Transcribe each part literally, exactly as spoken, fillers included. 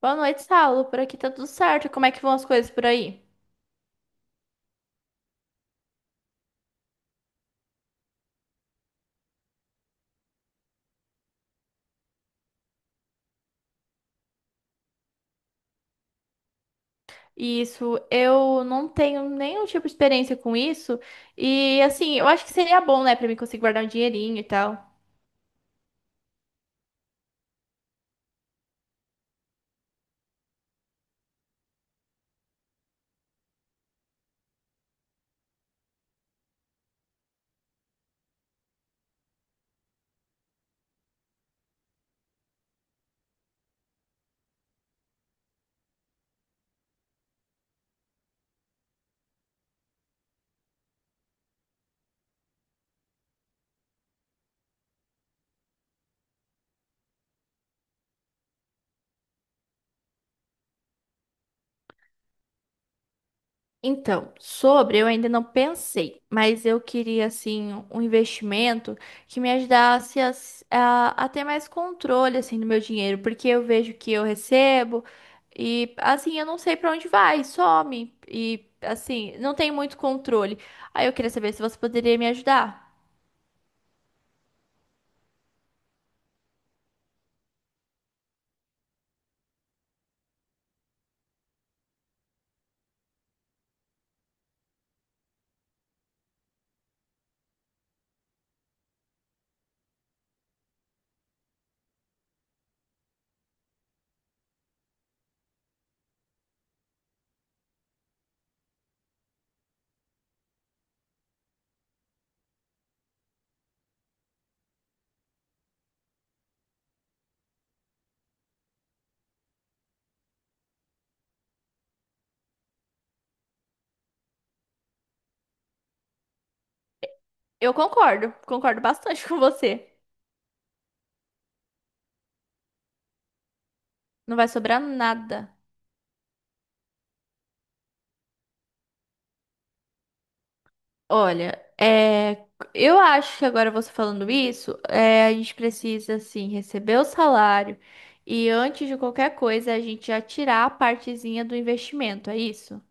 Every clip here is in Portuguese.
Boa noite, Saulo. Por aqui tá tudo certo. Como é que vão as coisas por aí? Isso, eu não tenho nenhum tipo de experiência com isso. E assim, eu acho que seria bom, né, pra mim conseguir guardar um dinheirinho e tal. Então, sobre eu ainda não pensei, mas eu queria assim um investimento que me ajudasse a, s- a- a ter mais controle assim do meu dinheiro, porque eu vejo que eu recebo e assim eu não sei para onde vai, some e assim não tem muito controle. Aí eu queria saber se você poderia me ajudar. Eu concordo, concordo bastante com você. Não vai sobrar nada. Olha, é, eu acho que agora você falando isso, é, a gente precisa, assim, receber o salário e antes de qualquer coisa a gente já tirar a partezinha do investimento, é isso?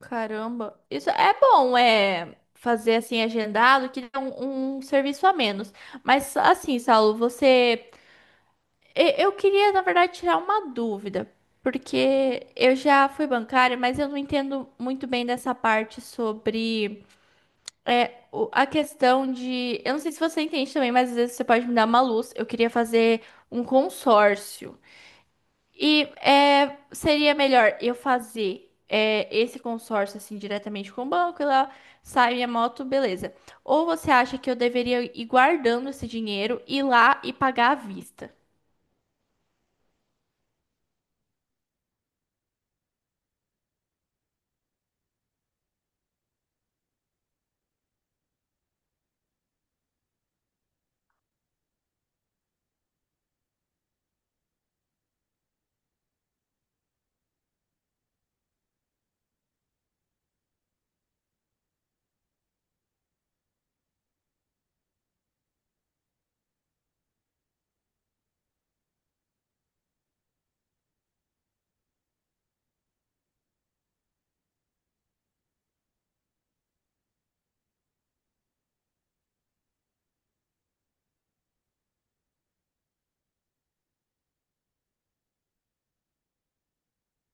Caramba, isso é bom, é fazer assim agendado que dá um, um serviço a menos. Mas assim, Saulo, você, e- eu queria na verdade tirar uma dúvida, porque eu já fui bancária, mas eu não entendo muito bem dessa parte sobre. É, o- a questão de. Eu não sei se você entende também, mas às vezes você pode me dar uma luz. Eu queria fazer um consórcio. E é, seria melhor eu fazer é, esse consórcio assim diretamente com o banco e lá sai minha moto, beleza. Ou você acha que eu deveria ir guardando esse dinheiro, ir lá e pagar à vista?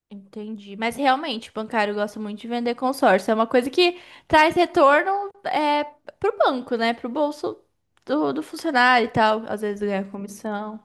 Entendi. Mas realmente, o bancário gosta muito de vender consórcio. É uma coisa que traz retorno é, pro banco, né? Pro bolso do, do funcionário e tal. Às vezes ganha comissão.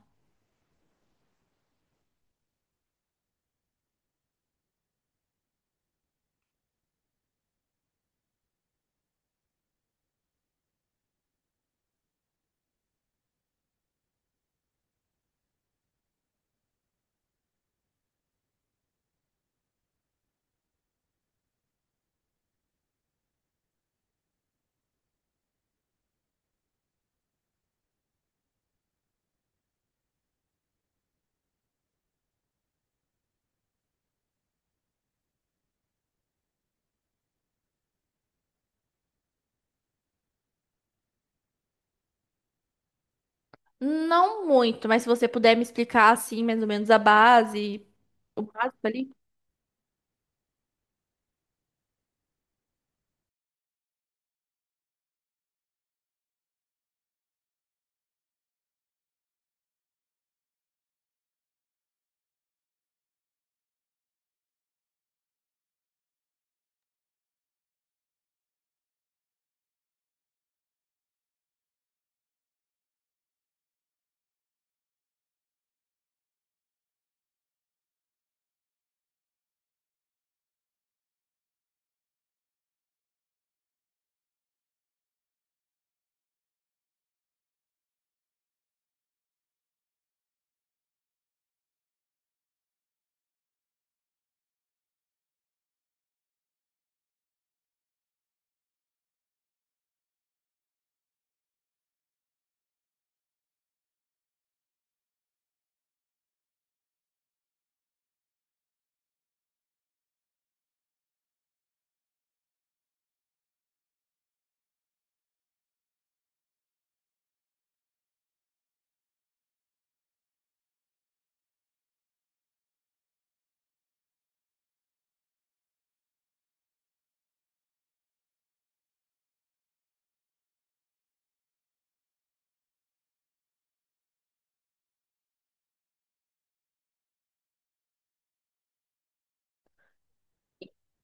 Não muito, mas se você puder me explicar assim, mais ou menos a base, o básico ali.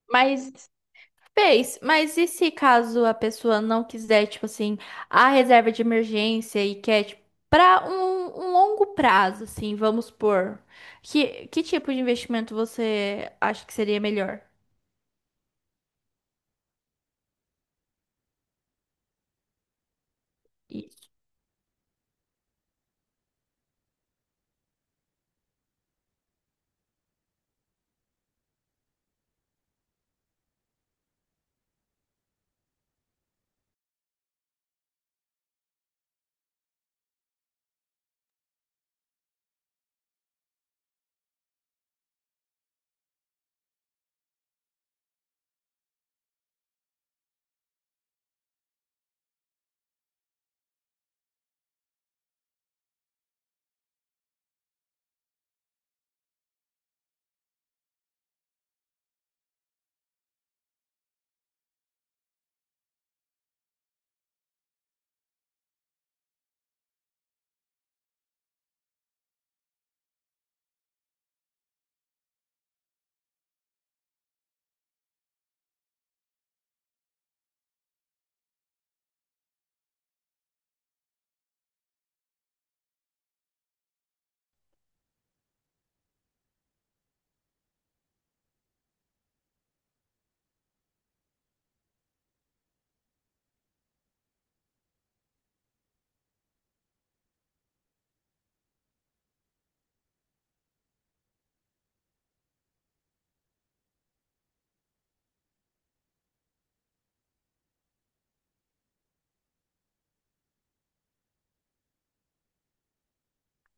Mas Fez, mas e se caso a pessoa não quiser, tipo assim, a reserva de emergência e quer, tipo, pra um, um longo prazo, assim, vamos supor, que, que tipo de investimento você acha que seria melhor? Isso.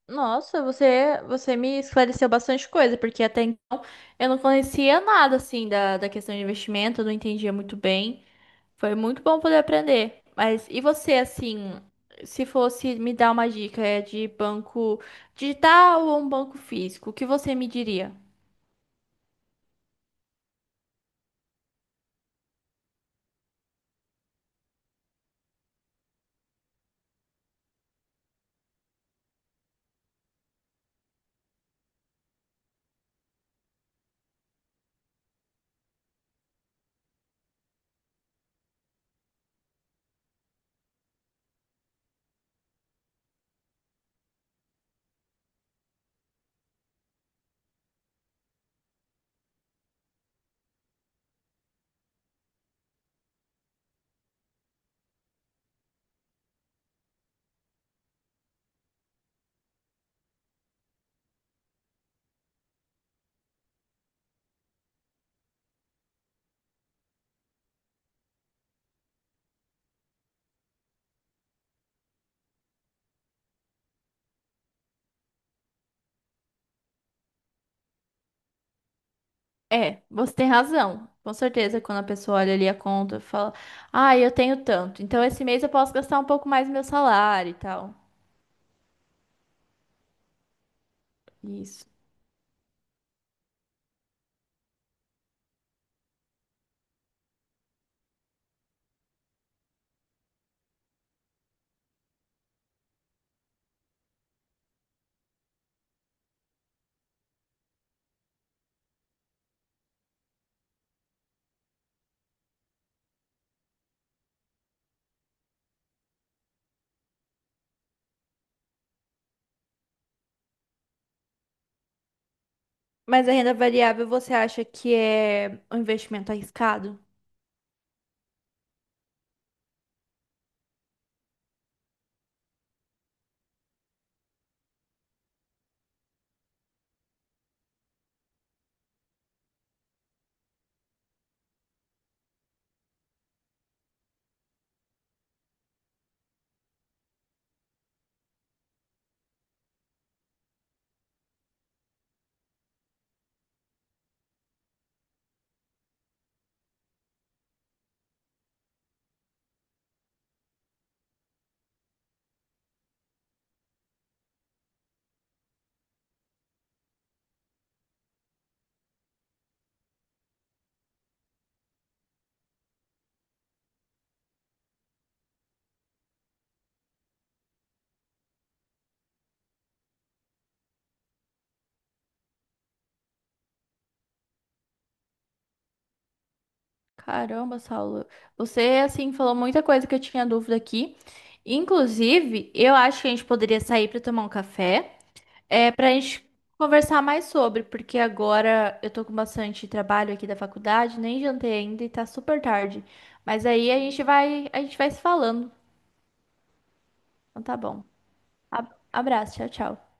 Nossa, você, você me esclareceu bastante coisa, porque até então eu não conhecia nada, assim, da, da questão de investimento, eu não entendia muito bem. Foi muito bom poder aprender. Mas e você, assim, se fosse me dar uma dica é de banco digital ou um banco físico, o que você me diria? É, você tem razão. Com certeza, quando a pessoa olha ali a conta, e fala: ah, eu tenho tanto. Então esse mês eu posso gastar um pouco mais do meu salário e tal. Isso. Mas a renda variável, você acha que é um investimento arriscado? Caramba, Saulo, você assim falou muita coisa que eu tinha dúvida aqui. Inclusive, eu acho que a gente poderia sair para tomar um café, é para a gente conversar mais sobre, porque agora eu tô com bastante trabalho aqui da faculdade, nem jantei ainda e tá super tarde. Mas aí a gente vai, a gente vai se falando. Então tá bom. Ab- Abraço, tchau, tchau.